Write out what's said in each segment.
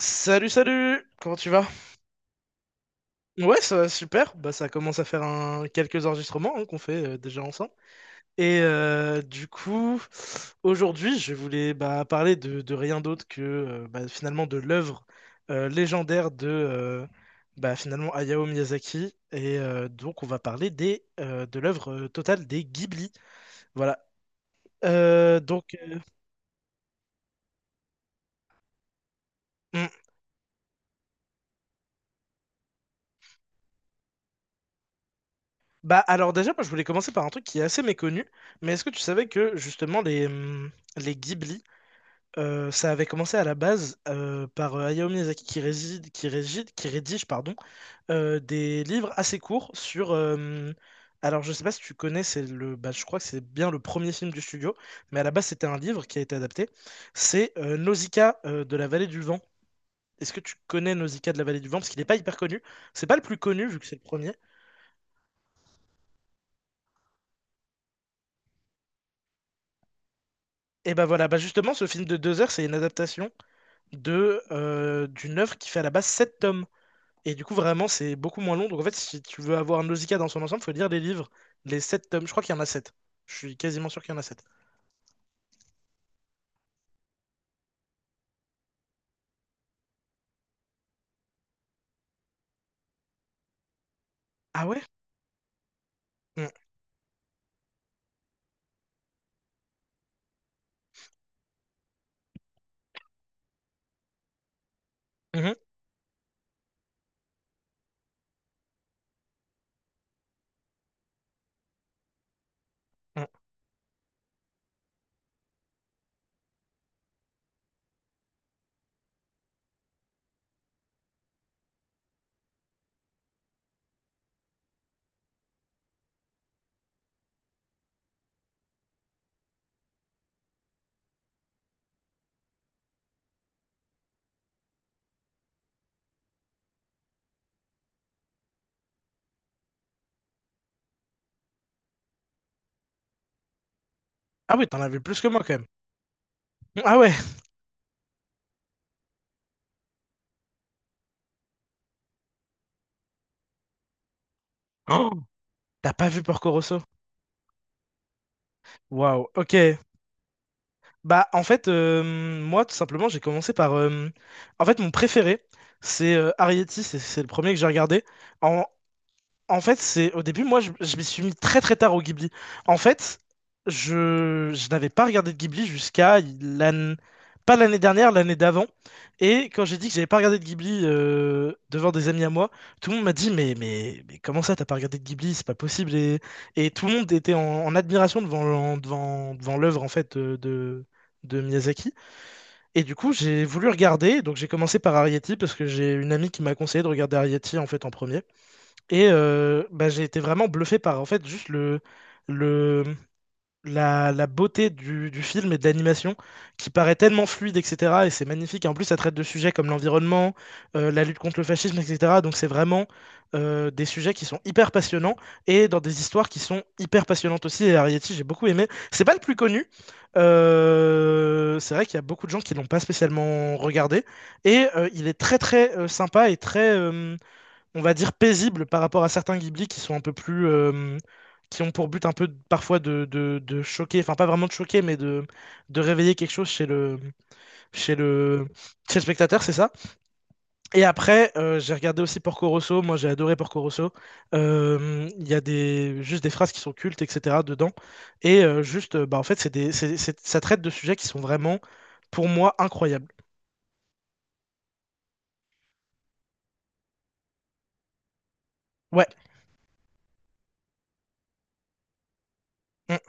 Salut, salut! Comment tu vas? Ouais, ça va super. Bah, ça commence à faire quelques enregistrements hein, qu'on fait déjà ensemble. Et du coup, aujourd'hui, je voulais bah, parler de rien d'autre que bah, finalement de l'œuvre légendaire de bah, finalement Hayao Miyazaki. Et donc, on va parler de l'œuvre totale des Ghibli. Voilà. Donc, hmm. Bah, alors déjà, moi, je voulais commencer par un truc qui est assez méconnu. Mais est-ce que tu savais que justement les Ghibli, ça avait commencé à la base par Hayao Miyazaki qui, réside, qui, régide- qui rédige pardon, des livres assez courts sur. Alors je sais pas si tu connais, bah, je crois que c'est bien le premier film du studio, mais à la base c'était un livre qui a été adapté. C'est Nausicaa de la vallée du vent. Est-ce que tu connais Nausicaa de la vallée du vent? Parce qu'il n'est pas hyper connu. C'est pas le plus connu vu que c'est le premier. Et bah voilà, bah justement ce film de 2 heures c'est une adaptation d'une œuvre qui fait à la base sept tomes. Et du coup, vraiment, c'est beaucoup moins long. Donc, en fait, si tu veux avoir Nausicaa dans son ensemble, faut lire les livres, les sept tomes. Je crois qu'il y en a sept. Je suis quasiment sûr qu'il y en a sept. Ah ouais? Mm. Mhm. Mm. Ah ouais, t'en avais plus que moi quand même. Mm. Ah ouais? Oh, t'as pas vu Porco Rosso? Waouh, ok. Bah, en fait, moi, tout simplement, j'ai commencé par. En fait, mon préféré, c'est Arrietty, c'est le premier que j'ai regardé. En, En fait, c'est au début, moi, je m'y suis mis très très tard au Ghibli. En fait, je n'avais pas regardé de Ghibli jusqu'à l'année, pas l'année dernière, l'année d'avant. Et quand j'ai dit que j'avais pas regardé de Ghibli devant des amis à moi, tout le monde m'a dit mais comment ça, t'as pas regardé de Ghibli, c'est pas possible. Et tout le monde était en admiration devant devant l'œuvre en fait de Miyazaki. Et du coup, j'ai voulu regarder. Donc j'ai commencé par Arrietty parce que j'ai une amie qui m'a conseillé de regarder Arrietty en fait en premier. Et bah, j'ai été vraiment bluffé par en fait juste le, la beauté du film et de l'animation qui paraît tellement fluide, etc. Et c'est magnifique. Et en plus, ça traite de sujets comme l'environnement, la lutte contre le fascisme, etc. Donc c'est vraiment des sujets qui sont hyper passionnants et dans des histoires qui sont hyper passionnantes aussi. Et Arrietty, j'ai beaucoup aimé. C'est pas le plus connu. C'est vrai qu'il y a beaucoup de gens qui l'ont pas spécialement regardé. Et il est très très sympa et très, on va dire, paisible par rapport à certains Ghibli qui sont un peu plus, qui ont pour but un peu parfois de choquer, enfin pas vraiment de choquer, mais de réveiller quelque chose chez le, chez le spectateur, c'est ça. Et après, j'ai regardé aussi Porco Rosso, moi j'ai adoré Porco Rosso. Il y a juste des phrases qui sont cultes, etc. dedans. Et juste, bah, en fait, c'est des, c'est- ça traite de sujets qui sont vraiment, pour moi, incroyables. Ouais. Mm.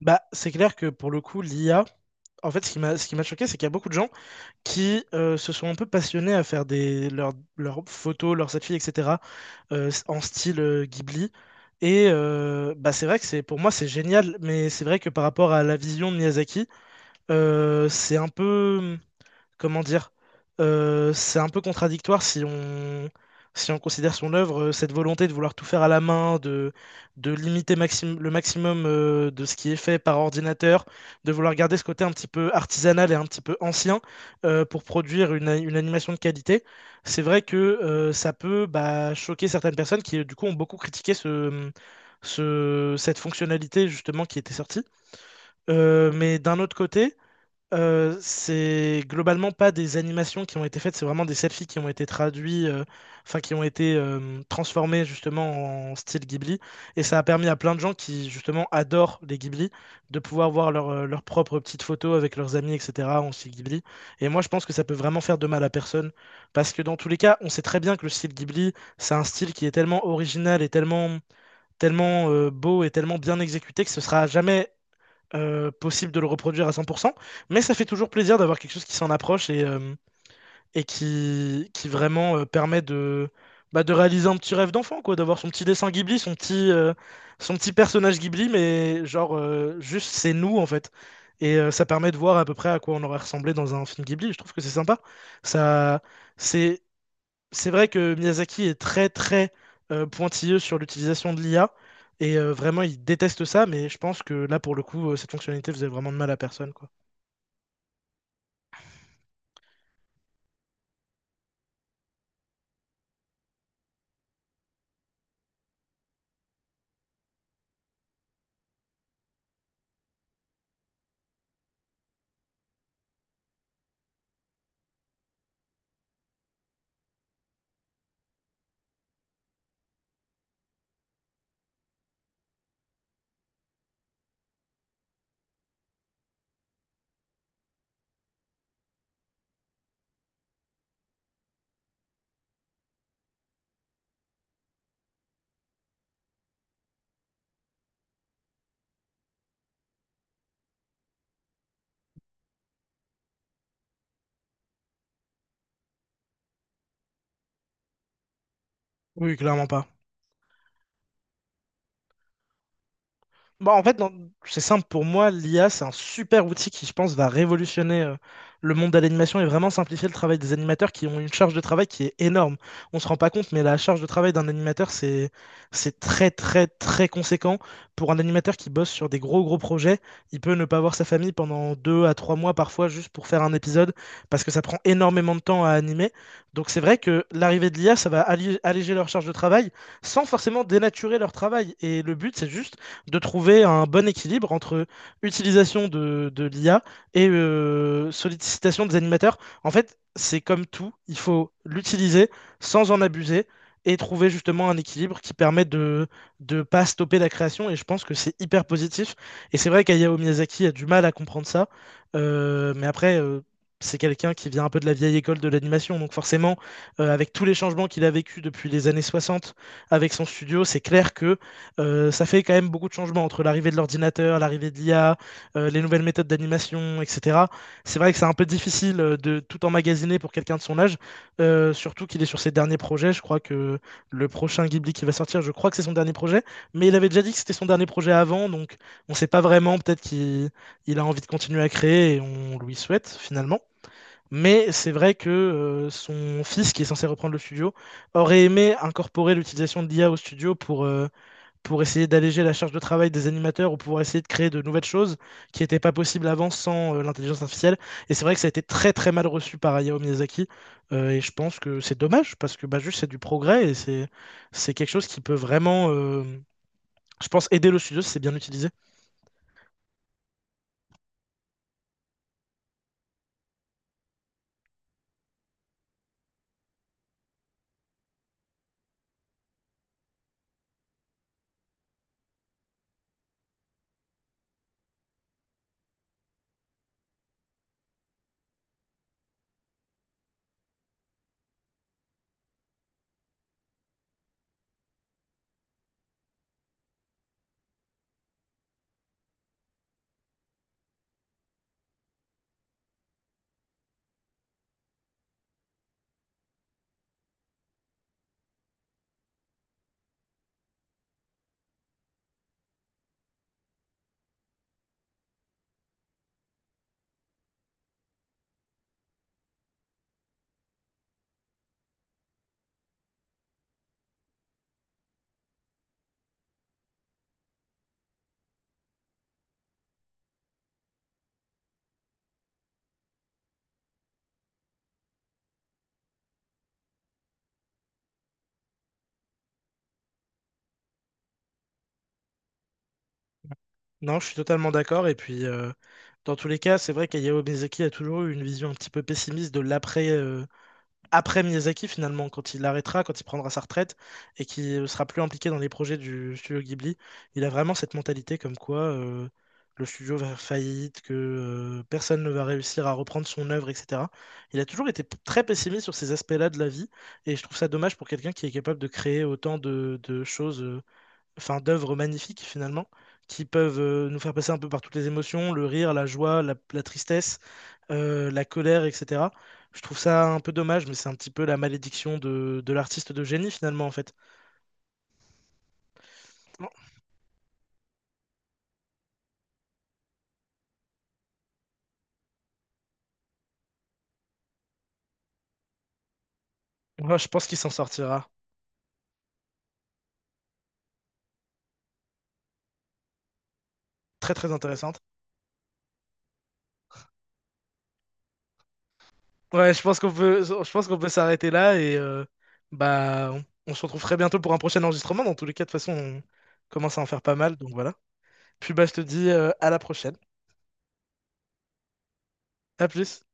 Bah, c'est clair que pour le coup, l'IA, en fait, ce qui m'a choqué, c'est qu'il y a beaucoup de gens qui se sont un peu passionnés à faire leurs photos, leurs selfies, etc., en style Ghibli. Et bah c'est vrai que c'est pour moi c'est génial, mais c'est vrai que par rapport à la vision de Miyazaki, c'est un peu comment dire, c'est un peu contradictoire si on considère son œuvre, cette volonté de vouloir tout faire à la main, de limiter le maximum de ce qui est fait par ordinateur, de vouloir garder ce côté un petit peu artisanal et un petit peu ancien pour produire une animation de qualité. C'est vrai que ça peut bah, choquer certaines personnes qui, du coup, ont beaucoup critiqué cette fonctionnalité justement qui était sortie. Mais d'un autre côté, c'est globalement pas des animations qui ont été faites, c'est vraiment des selfies qui ont été traduits, enfin qui ont été transformés justement en style Ghibli. Et ça a permis à plein de gens qui justement adorent les Ghibli de pouvoir voir leurs propres petites photos avec leurs amis, etc. en style Ghibli. Et moi je pense que ça peut vraiment faire de mal à personne. Parce que dans tous les cas, on sait très bien que le style Ghibli, c'est un style qui est tellement original et tellement, tellement beau et tellement bien exécuté que ce sera jamais possible de le reproduire à 100%, mais ça fait toujours plaisir d'avoir quelque chose qui s'en approche et qui vraiment permet bah, de réaliser un petit rêve d'enfant, quoi, d'avoir son petit dessin Ghibli, son petit personnage Ghibli, mais genre, juste c'est nous en fait. Et ça permet de voir à peu près à quoi on aurait ressemblé dans un film Ghibli. Je trouve que c'est sympa. Ça, c'est c'est vrai que Miyazaki est très très pointilleux sur l'utilisation de l'IA et vraiment il déteste ça, mais je pense que là pour le coup, cette fonctionnalité faisait vraiment de mal à personne, quoi. Oui, clairement pas. Bah, en fait, c'est simple pour moi, l'IA, c'est un super outil qui, je pense, va révolutionner le monde de l'animation et vraiment simplifier le travail des animateurs qui ont une charge de travail qui est énorme. On se rend pas compte, mais la charge de travail d'un animateur, c'est très, très, très conséquent. Pour un animateur qui bosse sur des gros, gros projets, il peut ne pas voir sa famille pendant 2 à 3 mois parfois juste pour faire un épisode parce que ça prend énormément de temps à animer. Donc c'est vrai que l'arrivée de l'IA, ça va alléger leur charge de travail sans forcément dénaturer leur travail. Et le but, c'est juste de trouver un bon équilibre entre utilisation de l'IA et sollicitation des animateurs. En fait, c'est comme tout, il faut l'utiliser sans en abuser et trouver justement un équilibre qui permet de ne pas stopper la création. Et je pense que c'est hyper positif. Et c'est vrai qu'Hayao Miyazaki a du mal à comprendre ça. Mais après, c'est quelqu'un qui vient un peu de la vieille école de l'animation. Donc forcément, avec tous les changements qu'il a vécu depuis les années 60 avec son studio, c'est clair que ça fait quand même beaucoup de changements entre l'arrivée de l'ordinateur, l'arrivée de l'IA, les nouvelles méthodes d'animation, etc. C'est vrai que c'est un peu difficile de tout emmagasiner pour quelqu'un de son âge, surtout qu'il est sur ses derniers projets. Je crois que le prochain Ghibli qui va sortir, je crois que c'est son dernier projet, mais il avait déjà dit que c'était son dernier projet avant, donc on ne sait pas vraiment. Peut-être qu'il il a envie de continuer à créer et on lui souhaite finalement. Mais c'est vrai que son fils, qui est censé reprendre le studio, aurait aimé incorporer l'utilisation de l'IA au studio pour essayer d'alléger la charge de travail des animateurs ou pour essayer de créer de nouvelles choses qui n'étaient pas possibles avant sans l'intelligence artificielle. Et c'est vrai que ça a été très très mal reçu par Hayao Miyazaki. Et je pense que c'est dommage parce que bah, juste c'est du progrès et c'est quelque chose qui peut vraiment, je pense, aider le studio si c'est bien utilisé. Non, je suis totalement d'accord. Et puis, dans tous les cas, c'est vrai qu'Hayao Miyazaki a toujours eu une vision un petit peu pessimiste de l'après après Miyazaki, finalement, quand il arrêtera, quand il prendra sa retraite et qu'il ne sera plus impliqué dans les projets du studio Ghibli. Il a vraiment cette mentalité comme quoi le studio va faire faillite, que personne ne va réussir à reprendre son œuvre, etc. Il a toujours été très pessimiste sur ces aspects-là de la vie. Et je trouve ça dommage pour quelqu'un qui est capable de créer autant de choses enfin, d'œuvres magnifiques finalement, qui peuvent nous faire passer un peu par toutes les émotions, le rire, la joie, la tristesse, la colère, etc. Je trouve ça un peu dommage, mais c'est un petit peu la malédiction de l'artiste de génie finalement en fait. Moi, je pense qu'il s'en sortira. Très très intéressante. Ouais, je pense qu'on peut s'arrêter là et bah on se retrouve très bientôt pour un prochain enregistrement. Dans tous les cas, de toute façon, on commence à en faire pas mal, donc voilà. Puis bah je te dis à la prochaine. À plus.